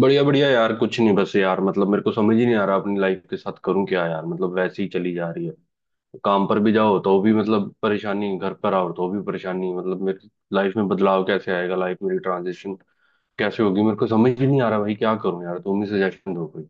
बढ़िया बढ़िया यार कुछ नहीं बस यार मतलब मेरे को समझ ही नहीं आ रहा अपनी लाइफ के साथ करूं क्या यार मतलब वैसे ही चली जा रही है। काम पर भी जाओ तो भी मतलब परेशानी घर पर आओ तो भी परेशानी। मतलब मेरी लाइफ में बदलाव कैसे आएगा लाइफ मेरी ट्रांजिशन कैसे होगी मेरे को समझ ही नहीं आ रहा भाई क्या करूं यार तुम ही सजेशन दो कोई।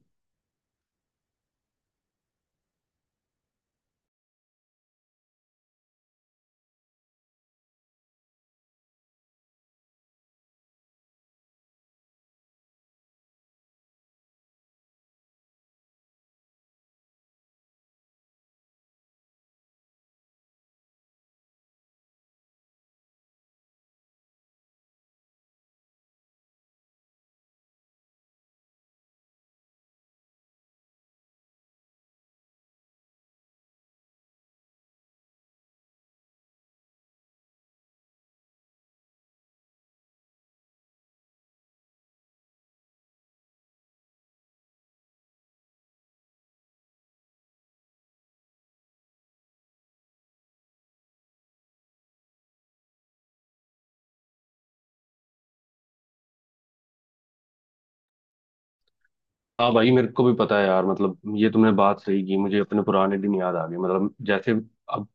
हाँ भाई मेरे को भी पता है यार मतलब ये तुमने बात सही की। मुझे अपने पुराने दिन याद आ गए मतलब जैसे अब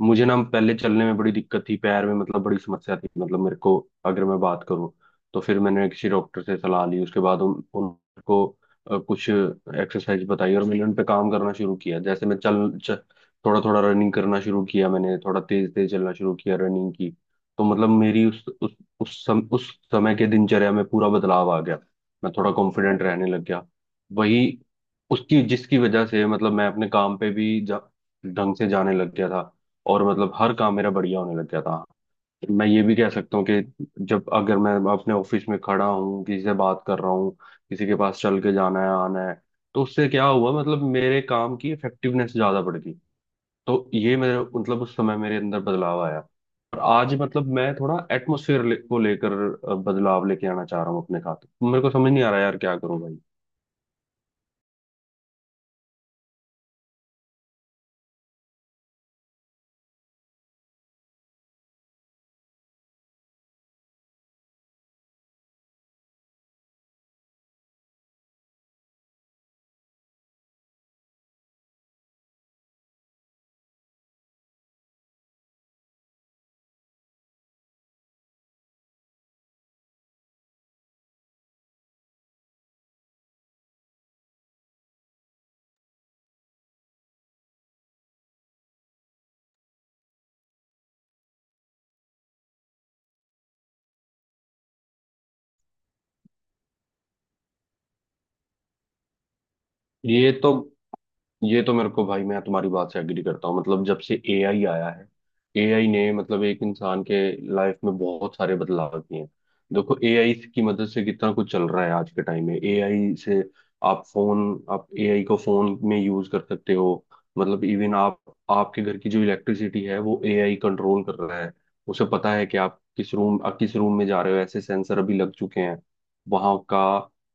मुझे ना पहले चलने में बड़ी दिक्कत थी पैर में मतलब बड़ी समस्या थी मतलब मेरे को। अगर मैं बात करूँ तो फिर मैंने किसी डॉक्टर से सलाह ली उसके बाद उन उनको कुछ एक्सरसाइज बताई और मैंने उन पे काम करना शुरू किया। जैसे मैं थोड़ा थोड़ा रनिंग करना शुरू किया मैंने थोड़ा तेज तेज चलना शुरू किया रनिंग की। तो मतलब मेरी उस समय के दिनचर्या में पूरा बदलाव आ गया। मैं थोड़ा कॉन्फिडेंट रहने लग गया। वही उसकी जिसकी वजह से मतलब मैं अपने काम पे भी ढंग से जाने लग गया था। और मतलब हर काम मेरा बढ़िया होने लग गया था। मैं ये भी कह सकता हूँ कि जब अगर मैं अपने ऑफिस में खड़ा हूँ किसी से बात कर रहा हूँ किसी के पास चल के जाना है आना है तो उससे क्या हुआ मतलब मेरे काम की इफेक्टिवनेस ज्यादा बढ़ गई। तो ये मेरे मतलब उस समय मेरे अंदर बदलाव आया। और आज मतलब मैं थोड़ा एटमोसफेयर को लेकर बदलाव लेके आना चाह रहा हूँ अपने साथ। मेरे को समझ नहीं आ रहा यार क्या करूँ भाई। ये तो ये तो मेरे को भाई मैं तुम्हारी बात से एग्री करता हूँ मतलब जब से एआई आया है। एआई ने मतलब एक इंसान के लाइफ में बहुत सारे बदलाव किए हैं। देखो एआई की मदद से कितना कुछ चल रहा है आज के टाइम में एआई से आप फोन आप एआई को फोन में यूज कर सकते हो। मतलब इवन आप आपके घर की जो इलेक्ट्रिसिटी है वो एआई कंट्रोल कर रहा है। उसे पता है कि आप किस रूम में जा रहे हो ऐसे सेंसर अभी लग चुके हैं। वहां का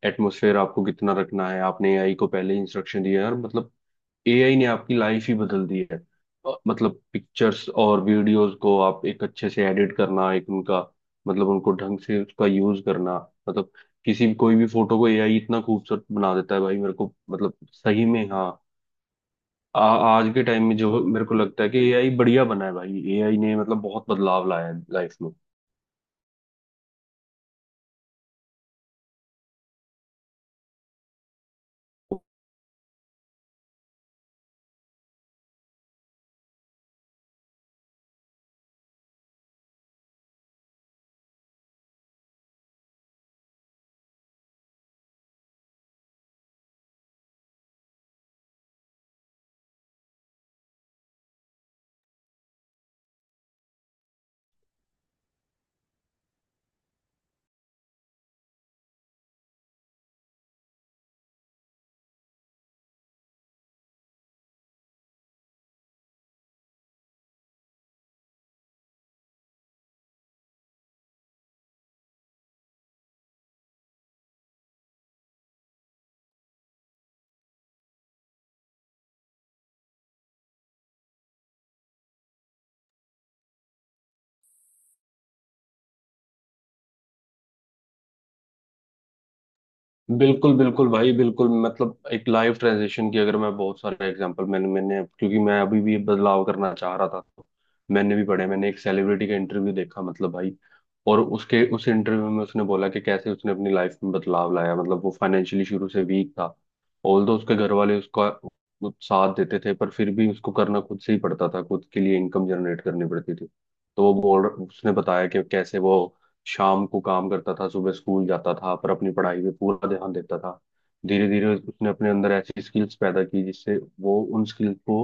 एटमोसफेयर आपको कितना रखना है आपने एआई को पहले इंस्ट्रक्शन दिया है और मतलब एआई ने आपकी लाइफ ही बदल दी है। मतलब पिक्चर्स और वीडियोस को आप एक अच्छे से एडिट करना एक उनका मतलब उनको ढंग से उसका यूज करना। मतलब किसी कोई भी फोटो को एआई इतना खूबसूरत बना देता है भाई मेरे को मतलब सही में। हाँ। आज के टाइम में जो मेरे को लगता है कि एआई बढ़िया बना है भाई एआई ने मतलब बहुत बदलाव लाया है लाइफ में। बिल्कुल बिल्कुल भाई बिल्कुल मतलब एक लाइफ ट्रांजिशन की अगर मैं बहुत सारे एग्जांपल मैंने मैंने क्योंकि मैं अभी भी बदलाव करना चाह रहा था। तो मैंने भी पढ़े मैंने एक सेलिब्रिटी का इंटरव्यू देखा मतलब भाई। और उसके उस इंटरव्यू में उसने बोला कि कैसे उसने अपनी लाइफ में बदलाव लाया। मतलब वो फाइनेंशियली शुरू से वीक था। ऑल्दो उसके घर वाले उसका वो साथ देते थे पर फिर भी उसको करना खुद से ही पड़ता था खुद के लिए इनकम जनरेट करनी पड़ती थी। तो वो बोल उसने बताया कि कैसे वो शाम को काम करता था सुबह स्कूल जाता था पर अपनी पढ़ाई पे पूरा ध्यान देता था। धीरे धीरे उसने अपने अंदर ऐसी स्किल्स पैदा की जिससे वो उन स्किल्स को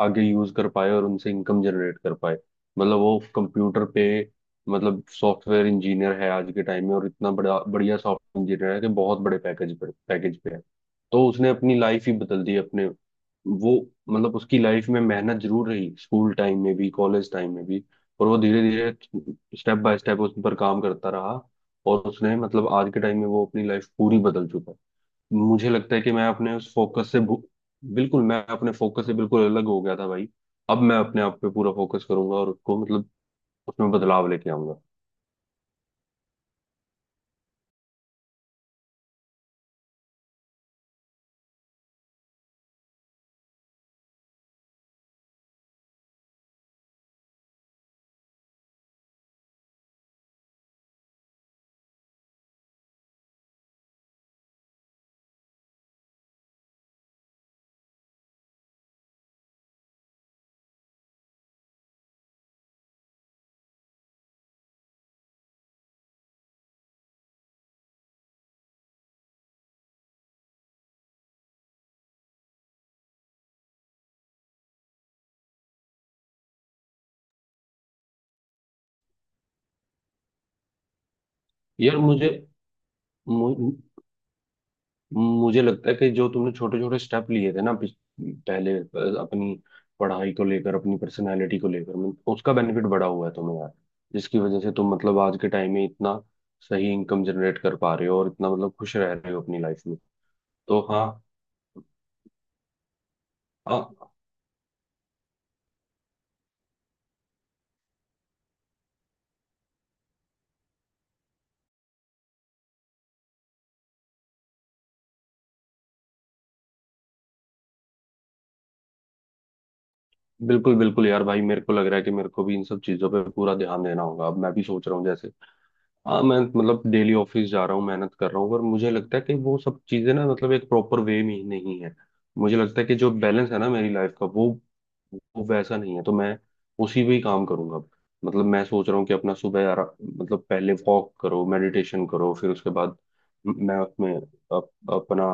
आगे यूज कर पाए और उनसे इनकम जनरेट कर पाए। मतलब वो कंप्यूटर पे मतलब सॉफ्टवेयर इंजीनियर है आज के टाइम में और इतना बड़ा बढ़िया सॉफ्टवेयर इंजीनियर है कि बहुत बड़े पैकेज पे है। तो उसने अपनी लाइफ ही बदल दी अपने। वो मतलब उसकी लाइफ में मेहनत जरूर रही स्कूल टाइम में भी कॉलेज टाइम में भी। और वो धीरे धीरे स्टेप बाय स्टेप उस पर काम करता रहा। और उसने मतलब आज के टाइम में वो अपनी लाइफ पूरी बदल चुका है। मुझे लगता है कि मैं अपने उस फोकस से बिल्कुल मैं अपने फोकस से बिल्कुल अलग हो गया था भाई। अब मैं अपने आप पे पूरा फोकस करूंगा और उसको मतलब उसमें बदलाव लेके आऊंगा। यार मु, मुझे लगता है कि जो तुमने छोटे छोटे स्टेप लिए थे ना पहले अपनी पढ़ाई को लेकर अपनी पर्सनालिटी को लेकर उसका बेनिफिट बड़ा हुआ है तुम्हें यार। जिसकी वजह से तुम मतलब आज के टाइम में इतना सही इनकम जनरेट कर पा रहे हो और इतना मतलब खुश रह रहे हो अपनी लाइफ में। तो हाँ। हाँ। बिल्कुल बिल्कुल यार भाई मेरे को लग रहा है कि मेरे को भी इन सब चीजों पे पूरा ध्यान देना होगा। अब मैं भी सोच रहा हूँ जैसे हाँ मैं मतलब डेली ऑफिस जा रहा हूँ मेहनत कर रहा हूँ पर मुझे लगता है कि वो सब चीजें ना मतलब एक प्रॉपर वे में ही नहीं है। मुझे लगता है कि जो बैलेंस है ना मेरी लाइफ का वो वैसा नहीं है। तो मैं उसी पे ही काम करूंगा। मतलब मैं सोच रहा हूँ कि अपना सुबह मतलब पहले वॉक करो मेडिटेशन करो फिर उसके बाद मैं उसमें अपना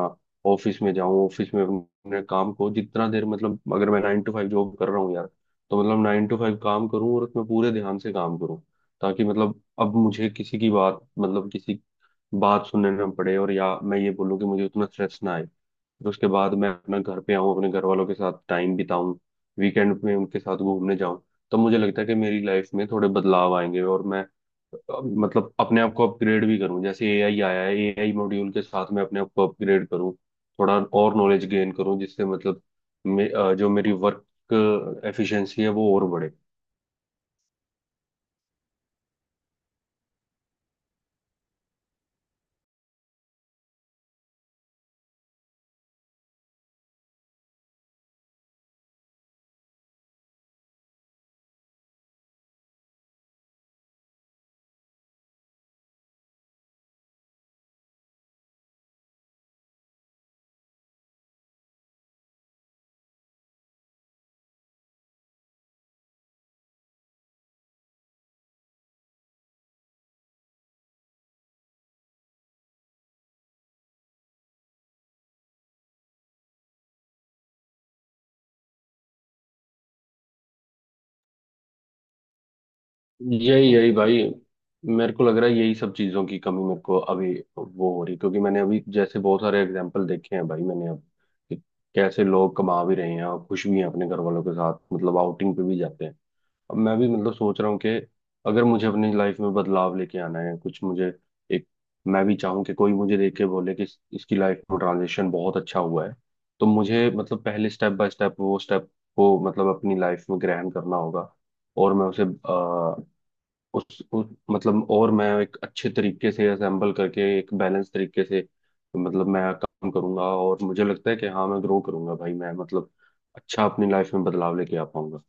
ऑफिस में जाऊँ। ऑफिस में अपने काम को जितना देर मतलब अगर मैं 9 to 5 जॉब कर रहा हूँ यार तो मतलब 9 to 5 काम करूँ और उसमें पूरे ध्यान से काम करूँ। ताकि मतलब अब मुझे किसी की बात मतलब किसी बात सुनने ना पड़े और या मैं ये बोलूँ कि मुझे उतना स्ट्रेस ना आए। फिर उसके बाद मैं अपना घर पे आऊँ अपने घर वालों के साथ टाइम बिताऊं वीकेंड में उनके साथ घूमने जाऊं। तो मुझे लगता है कि मेरी लाइफ में थोड़े बदलाव आएंगे और मैं मतलब अपने आप को अपग्रेड भी करूं। जैसे एआई आया है एआई मॉड्यूल के साथ मैं अपने आप को अपग्रेड करूं थोड़ा और नॉलेज गेन करूं जिससे मतलब जो मेरी वर्क एफिशिएंसी है वो और बढ़े। यही यही भाई मेरे को लग रहा है यही सब चीजों की कमी मेरे को अभी वो हो रही है। क्योंकि मैंने अभी जैसे बहुत सारे एग्जांपल देखे हैं भाई मैंने अब कि कैसे लोग कमा भी रहे हैं और खुश भी हैं अपने घर वालों के साथ मतलब आउटिंग पे भी जाते हैं। अब मैं भी मतलब सोच रहा हूँ कि अगर मुझे अपनी लाइफ में बदलाव लेके आना है कुछ मुझे एक मैं भी चाहूँ कि कोई मुझे देख के बोले कि इसकी लाइफ में ट्रांजिशन बहुत अच्छा हुआ है। तो मुझे मतलब पहले स्टेप बाय स्टेप वो स्टेप को मतलब अपनी लाइफ में ग्रहण करना होगा। और मैं उसे उस मतलब और मैं एक अच्छे तरीके से असेंबल करके एक बैलेंस तरीके से मतलब मैं काम करूंगा। और मुझे लगता है कि हाँ मैं ग्रो करूंगा भाई मैं मतलब अच्छा अपनी लाइफ में बदलाव लेके आ पाऊंगा।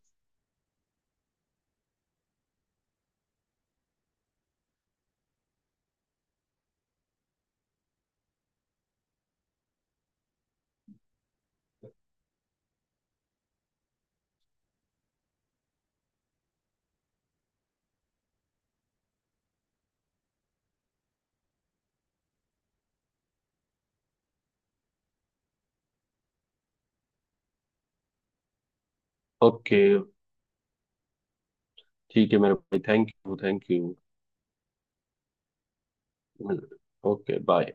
ओके ठीक है मेरे भाई thank you thank you. Okay bye.